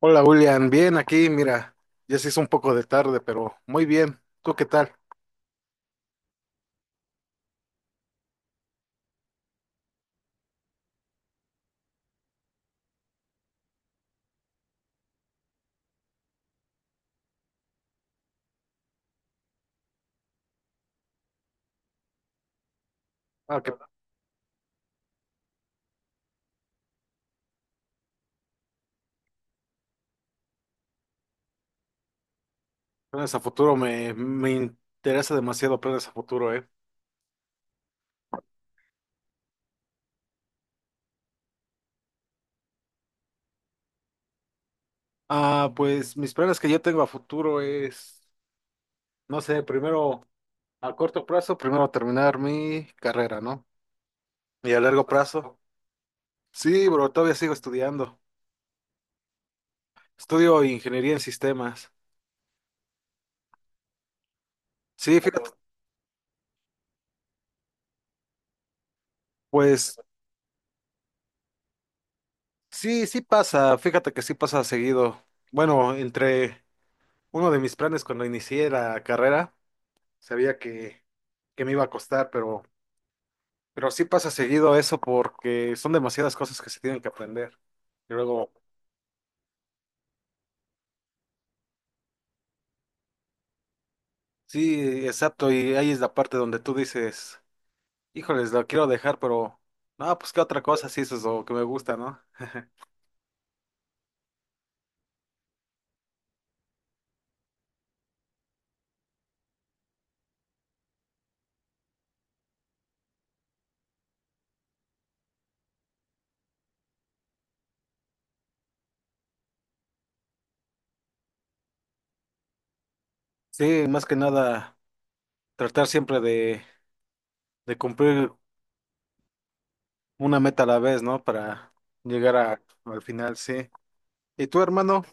Hola William, bien aquí, mira, ya se hizo un poco de tarde, pero muy bien. ¿Tú qué tal? Ah, que planes a futuro me interesa demasiado planes a futuro, ¿eh? Ah, pues mis planes que yo tengo a futuro es, no sé, primero a corto plazo, primero terminar mi carrera, ¿no? Y a largo plazo. Sí, bro, todavía sigo estudiando. Estudio ingeniería en sistemas. Sí, fíjate, pues sí, sí pasa, fíjate que sí pasa seguido. Bueno, entre Uno de mis planes cuando inicié la carrera, sabía que me iba a costar, pero sí pasa seguido eso porque son demasiadas cosas que se tienen que aprender. Y luego, sí, exacto, y ahí es la parte donde tú dices, híjoles, lo quiero dejar, pero no, pues qué otra cosa, sí, eso es lo que me gusta, ¿no? Sí, más que nada, tratar siempre de cumplir una meta a la vez, ¿no? Para llegar al final, sí. ¿Y tú, hermano?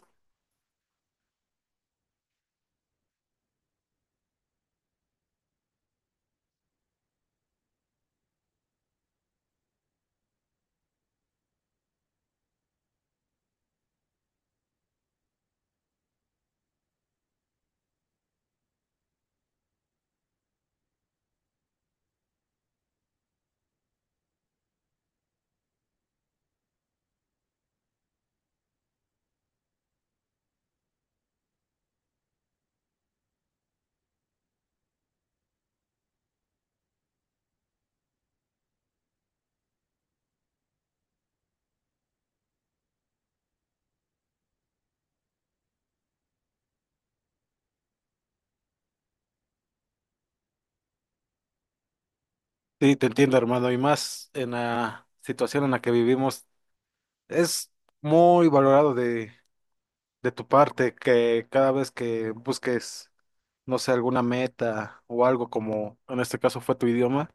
Sí, te entiendo, hermano, y más en la situación en la que vivimos, es muy valorado de tu parte que cada vez que busques, no sé, alguna meta o algo como en este caso fue tu idioma,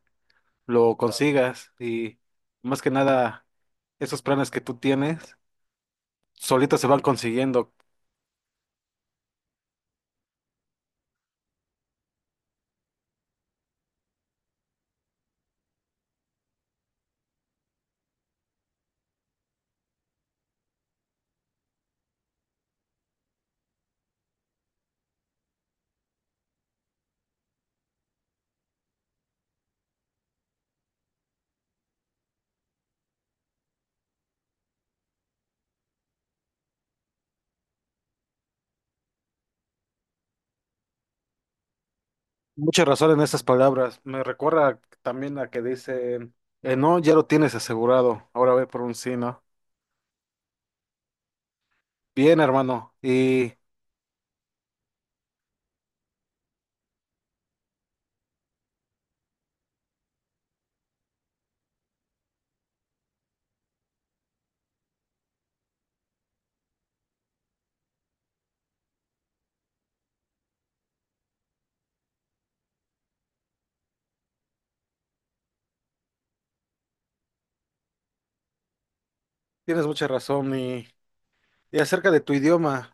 lo consigas y más que nada esos planes que tú tienes solitos se van consiguiendo. Mucha razón en esas palabras, me recuerda también a que dicen, no, ya lo tienes asegurado, ahora ve por un sí, ¿no? Bien, hermano, y... Tienes mucha razón y acerca de tu idioma,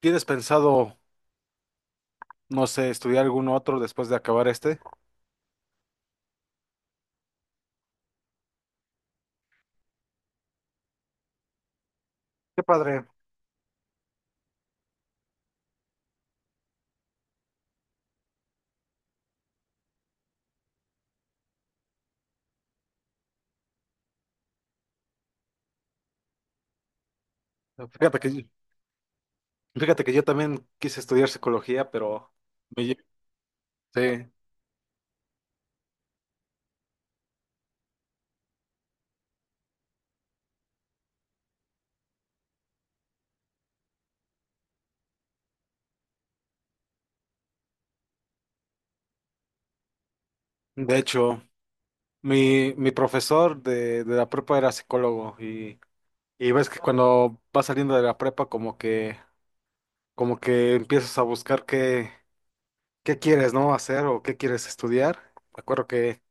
¿tienes pensado, no sé, estudiar algún otro después de acabar este? Qué padre. Fíjate que, fíjate que yo también quise estudiar psicología, pero me lle- sí, de hecho, mi profesor de la prepa era psicólogo y ves que cuando vas saliendo de la prepa como que empiezas a buscar qué quieres, ¿no?, hacer o qué quieres estudiar. Me acuerdo que,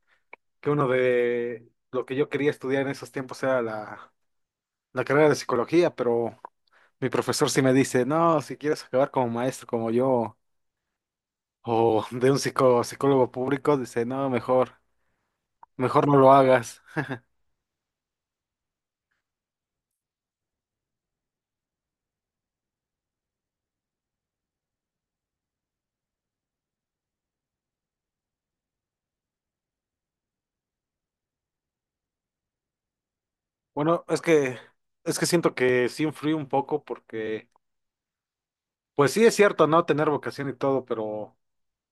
que uno de lo que yo quería estudiar en esos tiempos era la carrera de psicología, pero mi profesor sí me dice, no, si quieres acabar como maestro como yo, o de un psicólogo público, dice, no, mejor no lo hagas. Bueno, es que siento que sí influí un poco porque, pues sí es cierto, ¿no? Tener vocación y todo, pero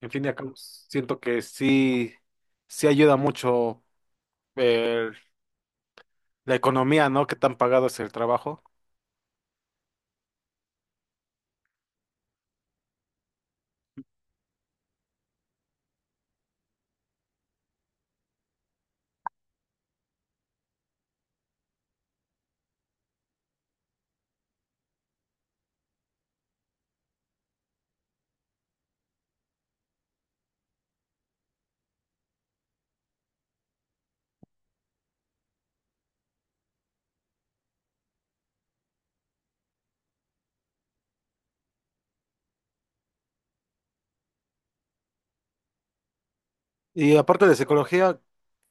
en fin y al siento que sí, sí ayuda mucho eh, la economía, ¿no? Qué tan pagado es el trabajo. Y aparte de psicología,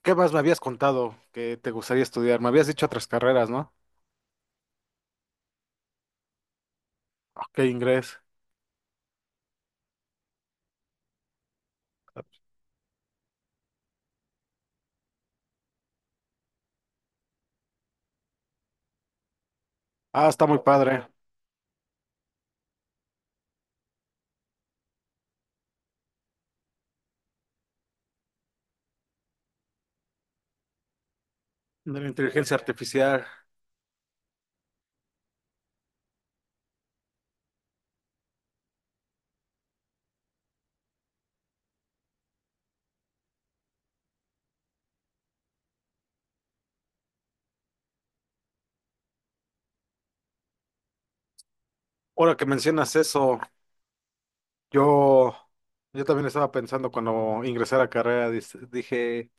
¿qué más me habías contado que te gustaría estudiar? Me habías dicho otras carreras, ¿no? Ok, inglés. Ah, está muy padre. De la inteligencia artificial. Ahora que mencionas eso, yo, yo también estaba pensando cuando ingresé a la carrera, dije,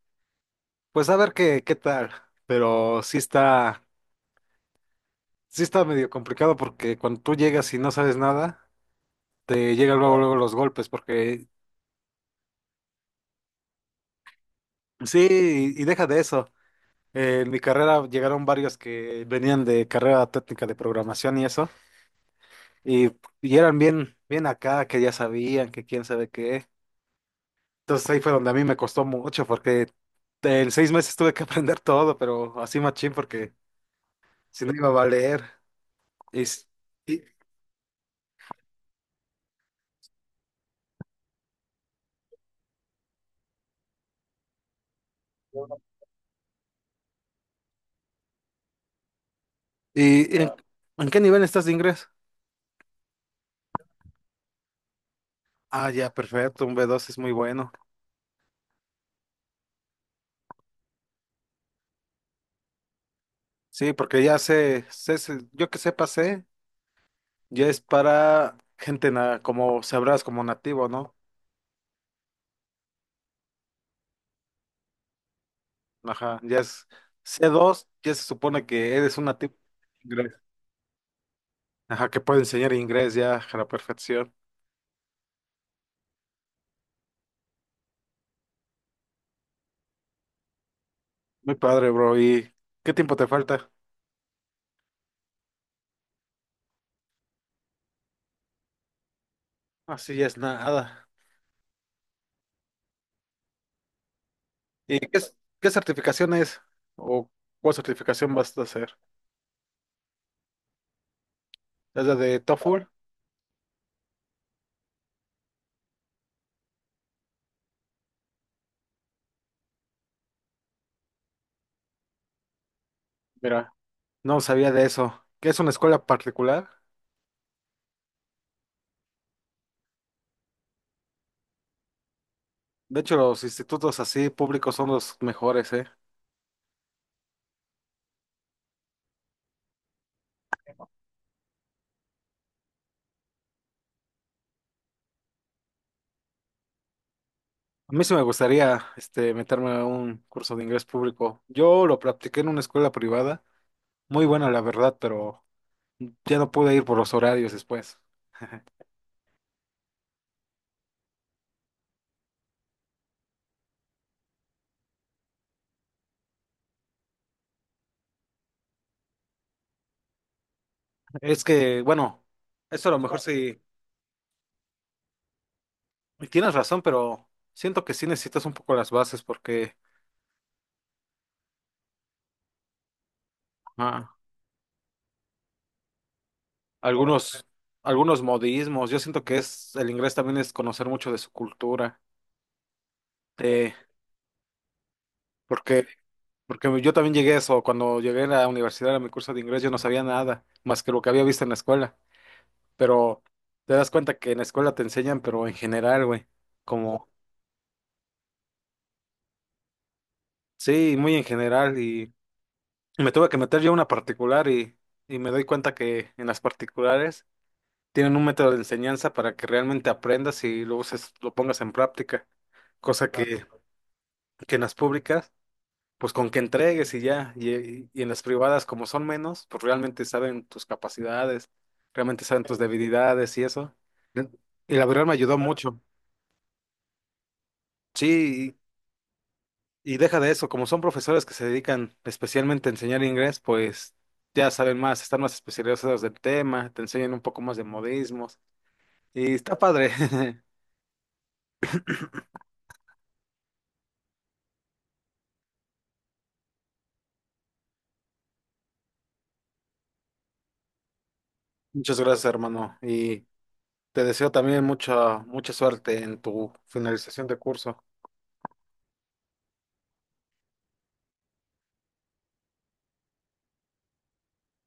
pues a ver qué tal. Pero sí está medio complicado porque cuando tú llegas y no sabes nada, te llegan luego, luego los golpes, porque sí, y deja de eso. En mi carrera llegaron varios que venían de carrera técnica de programación y eso, y, y eran bien, bien acá, que ya sabían, que quién sabe qué. Entonces ahí fue donde a mí me costó mucho, porque en 6 meses tuve que aprender todo, pero así machín, porque si no iba a valer. Y, s- y, y en, ¿En qué nivel estás de inglés? Ah, ya, perfecto, un B2 es muy bueno. Sí, porque yo que sé, pasé, ya es para gente como sabrás, como nativo, ¿no? Ajá, ya es C2, ya se supone que eres una tip inglés. Ajá, que puede enseñar inglés ya a la perfección. Muy padre, bro. ¿Y qué tiempo te falta? Así ya es nada. ¿Y qué certificación es? ¿O cuál certificación vas a hacer? ¿Es la de TOEFL? Mira, no sabía de eso. ¿Qué es una escuela particular? De hecho, los institutos así públicos son los mejores, ¿eh? A mí sí me gustaría, este, meterme a un curso de inglés público. Yo lo practiqué en una escuela privada. Muy buena la verdad, pero ya no pude ir por los horarios después. Es que, bueno, eso a lo mejor sí, y tienes razón, pero siento que sí necesitas un poco las bases porque ah, algunos, algunos modismos, yo siento que es, el inglés también es conocer mucho de su cultura, eh, porque, porque yo también llegué a eso, cuando llegué a la universidad a mi curso de inglés yo no sabía nada, más que lo que había visto en la escuela, pero te das cuenta que en la escuela te enseñan, pero en general, güey, como, sí, muy en general y... Me tuve que meter yo a una particular y me doy cuenta que en las particulares tienen un método de enseñanza para que realmente aprendas y lo uses, lo pongas en práctica, cosa, Claro, que en las públicas, pues con que entregues y ya, y en las privadas como son menos, pues realmente saben tus capacidades, realmente saben tus debilidades y eso. Y la verdad me ayudó, Claro, mucho. Sí, y deja de eso, como son profesores que se dedican especialmente a enseñar inglés, pues ya saben más, están más especializados del tema, te enseñan un poco más de modismos y está padre. Muchas gracias, hermano, y te deseo también mucha suerte en tu finalización de curso.